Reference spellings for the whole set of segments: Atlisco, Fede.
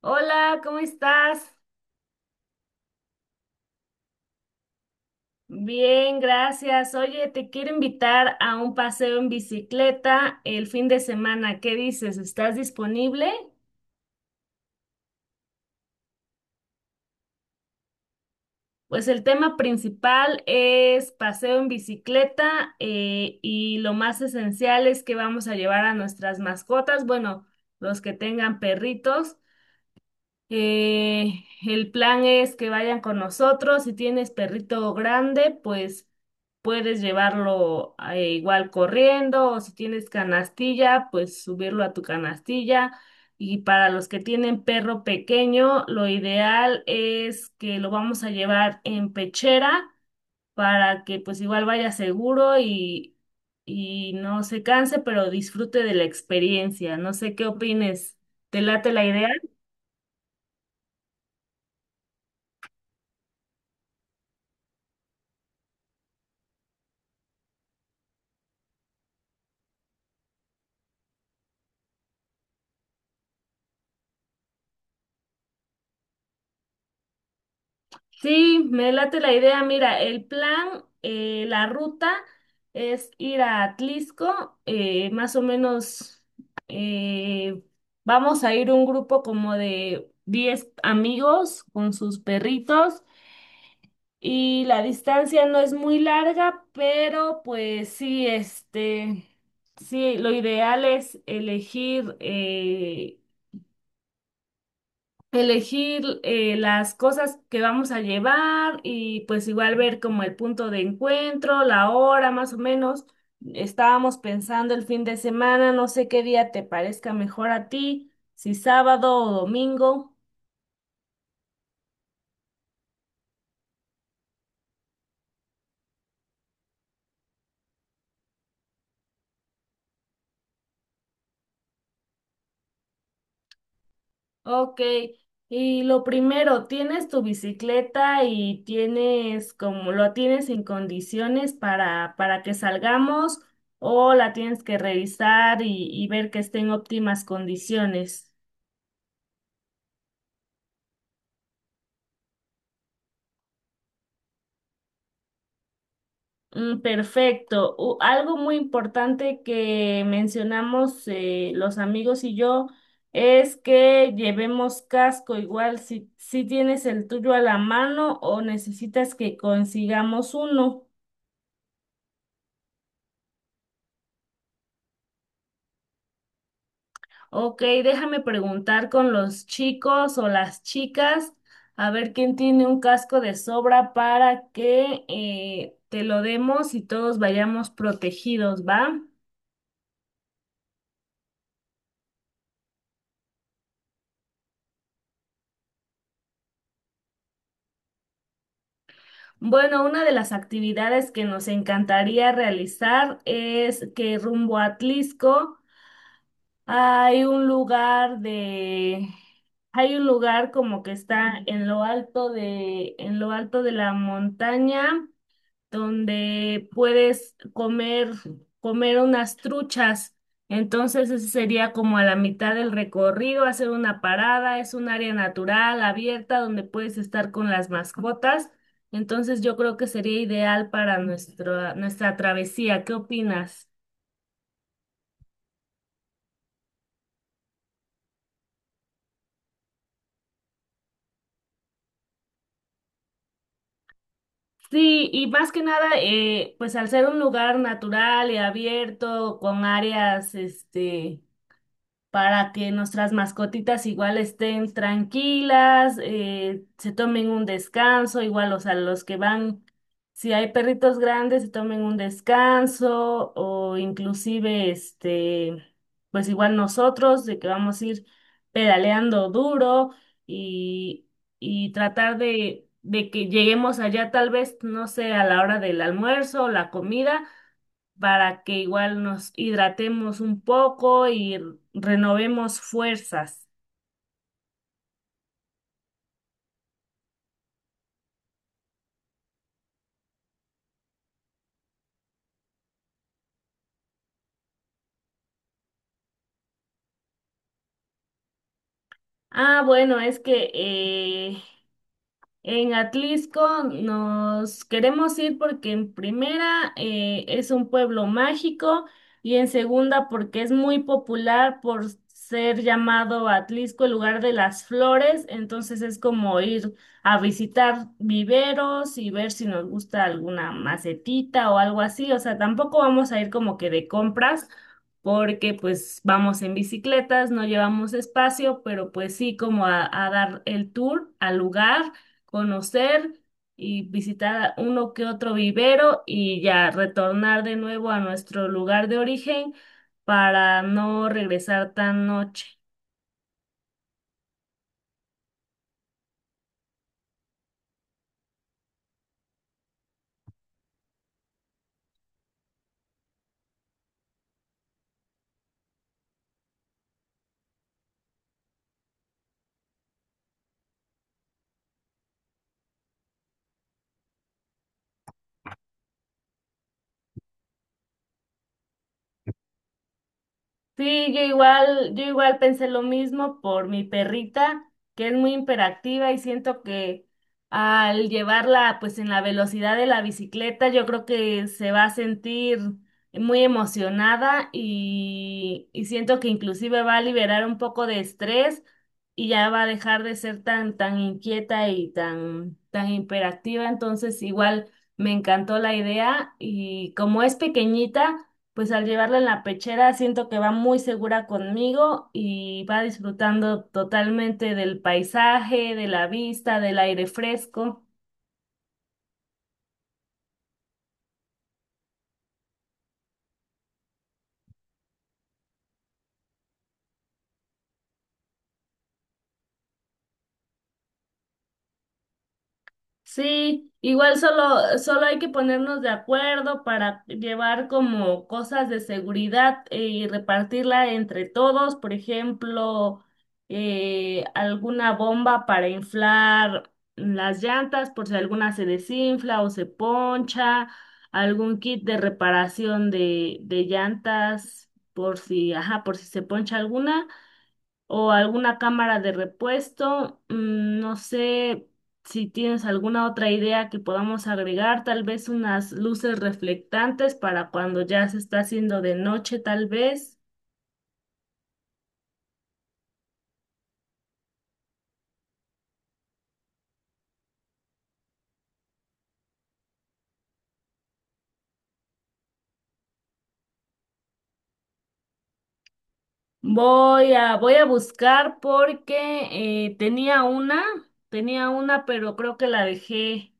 Hola, ¿cómo estás? Bien, gracias. Oye, te quiero invitar a un paseo en bicicleta el fin de semana. ¿Qué dices? ¿Estás disponible? Pues el tema principal es paseo en bicicleta y lo más esencial es que vamos a llevar a nuestras mascotas, bueno, los que tengan perritos. El plan es que vayan con nosotros. Si tienes perrito grande, pues puedes llevarlo igual corriendo o si tienes canastilla, pues subirlo a tu canastilla. Y para los que tienen perro pequeño, lo ideal es que lo vamos a llevar en pechera para que pues igual vaya seguro y no se canse, pero disfrute de la experiencia. No sé qué opines. ¿Te late la idea? Sí, me late la idea. Mira, el plan, la ruta es ir a Atlisco, más o menos eh, vamos a ir un grupo como de 10 amigos con sus perritos y la distancia no es muy larga, pero pues sí, sí, lo ideal es elegir las cosas que vamos a llevar y pues igual ver como el punto de encuentro, la hora más o menos. Estábamos pensando el fin de semana, no sé qué día te parezca mejor a ti, si sábado o domingo. Ok, y lo primero, ¿tienes tu bicicleta y tienes como lo tienes en condiciones para que salgamos o la tienes que revisar y ver que esté en óptimas condiciones? Perfecto. Algo muy importante que mencionamos los amigos y yo es que llevemos casco. Igual si tienes el tuyo a la mano o necesitas que consigamos uno. Ok, déjame preguntar con los chicos o las chicas a ver quién tiene un casco de sobra para que te lo demos y todos vayamos protegidos, ¿va? Bueno, una de las actividades que nos encantaría realizar es que rumbo a Tlisco hay un lugar de, hay un lugar como que está en lo alto de la montaña donde comer unas truchas. Entonces, ese sería como a la mitad del recorrido, hacer una parada, es un área natural, abierta, donde puedes estar con las mascotas. Entonces, yo creo que sería ideal para nuestra travesía. ¿Qué opinas? Sí, y más que nada, pues al ser un lugar natural y abierto, con áreas, para que nuestras mascotitas igual estén tranquilas, se tomen un descanso, igual, o sea, los que van, si hay perritos grandes, se tomen un descanso o inclusive, pues igual nosotros, de que vamos a ir pedaleando duro y, y tratar de que lleguemos allá tal vez, no sé, a la hora del almuerzo o la comida para que igual nos hidratemos un poco y renovemos fuerzas. Ah, bueno, es que en Atlisco nos queremos ir porque en primera es un pueblo mágico y en segunda porque es muy popular por ser llamado Atlisco el lugar de las flores, entonces es como ir a visitar viveros y ver si nos gusta alguna macetita o algo así, o sea, tampoco vamos a ir como que de compras porque pues vamos en bicicletas, no llevamos espacio, pero pues sí como a dar el tour al lugar, conocer y visitar uno que otro vivero y ya retornar de nuevo a nuestro lugar de origen para no regresar tan noche. Sí, yo igual pensé lo mismo por mi perrita, que es muy hiperactiva y siento que al llevarla pues en la velocidad de la bicicleta, yo creo que se va a sentir muy emocionada y siento que inclusive va a liberar un poco de estrés y ya va a dejar de ser tan inquieta y tan hiperactiva. Entonces, igual me encantó la idea y como es pequeñita pues al llevarla en la pechera siento que va muy segura conmigo y va disfrutando totalmente del paisaje, de la vista, del aire fresco. Sí, igual solo hay que ponernos de acuerdo para llevar como cosas de seguridad y repartirla entre todos, por ejemplo, alguna bomba para inflar las llantas por si alguna se desinfla o se poncha, algún kit de reparación de llantas por si, ajá, por si se poncha alguna o alguna cámara de repuesto. No sé si tienes alguna otra idea que podamos agregar, tal vez unas luces reflectantes para cuando ya se está haciendo de noche, tal vez. Voy a buscar porque tenía una, pero creo que la dejé.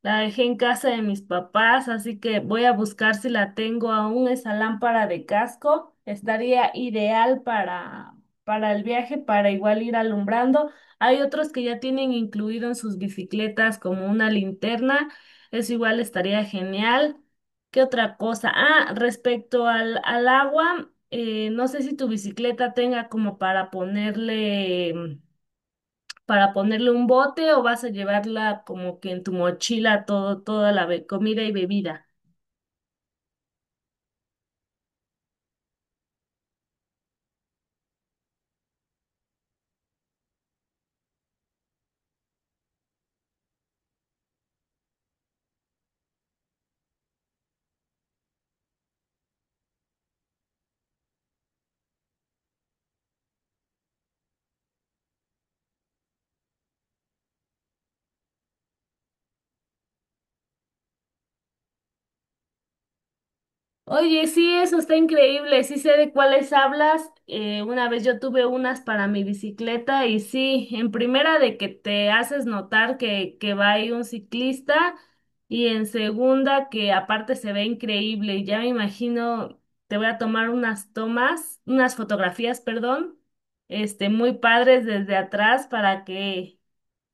La dejé en casa de mis papás, así que voy a buscar si la tengo aún, esa lámpara de casco. Estaría ideal para el viaje, para igual ir alumbrando. Hay otros que ya tienen incluido en sus bicicletas como una linterna. Eso igual estaría genial. ¿Qué otra cosa? Ah, respecto al agua, no sé si tu bicicleta tenga como para ponerle un bote o vas a llevarla como que en tu mochila toda la comida y bebida? Oye, sí, eso está increíble, sí sé de cuáles hablas. Una vez yo tuve unas para mi bicicleta y sí, en primera de que te haces notar que va ahí un ciclista y en segunda que aparte se ve increíble. Ya me imagino, te voy a tomar unas fotografías, perdón, este, muy padres desde atrás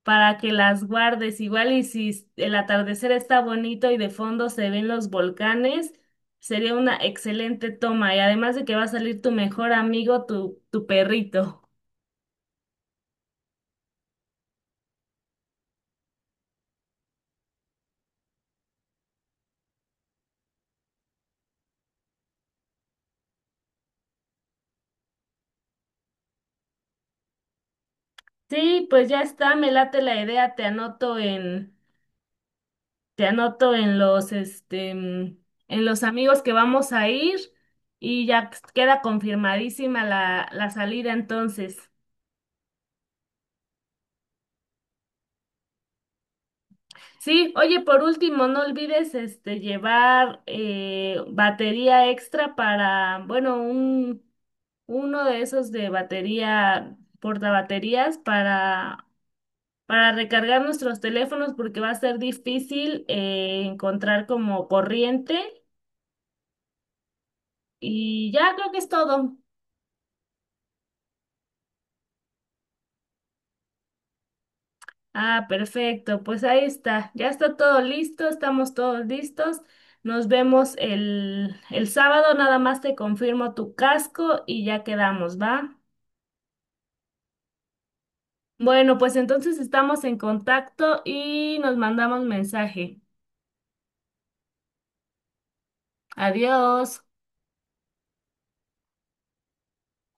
para que las guardes. Igual y si el atardecer está bonito y de fondo se ven los volcanes, sería una excelente toma. Y además de que va a salir tu mejor amigo, tu perrito. Sí, pues ya está, me late la idea, te anoto en los, este, en los amigos que vamos a ir y ya queda confirmadísima la salida entonces. Sí, oye, por último, no olvides este llevar batería extra para, bueno, un uno de esos de batería, portabaterías para recargar nuestros teléfonos porque va a ser difícil encontrar como corriente y ya creo que es todo. Ah, perfecto. Pues ahí está. Ya está todo listo, estamos todos listos. Nos vemos el sábado, nada más te confirmo tu casco y ya quedamos, ¿va? Bueno, pues entonces estamos en contacto y nos mandamos mensaje. Adiós.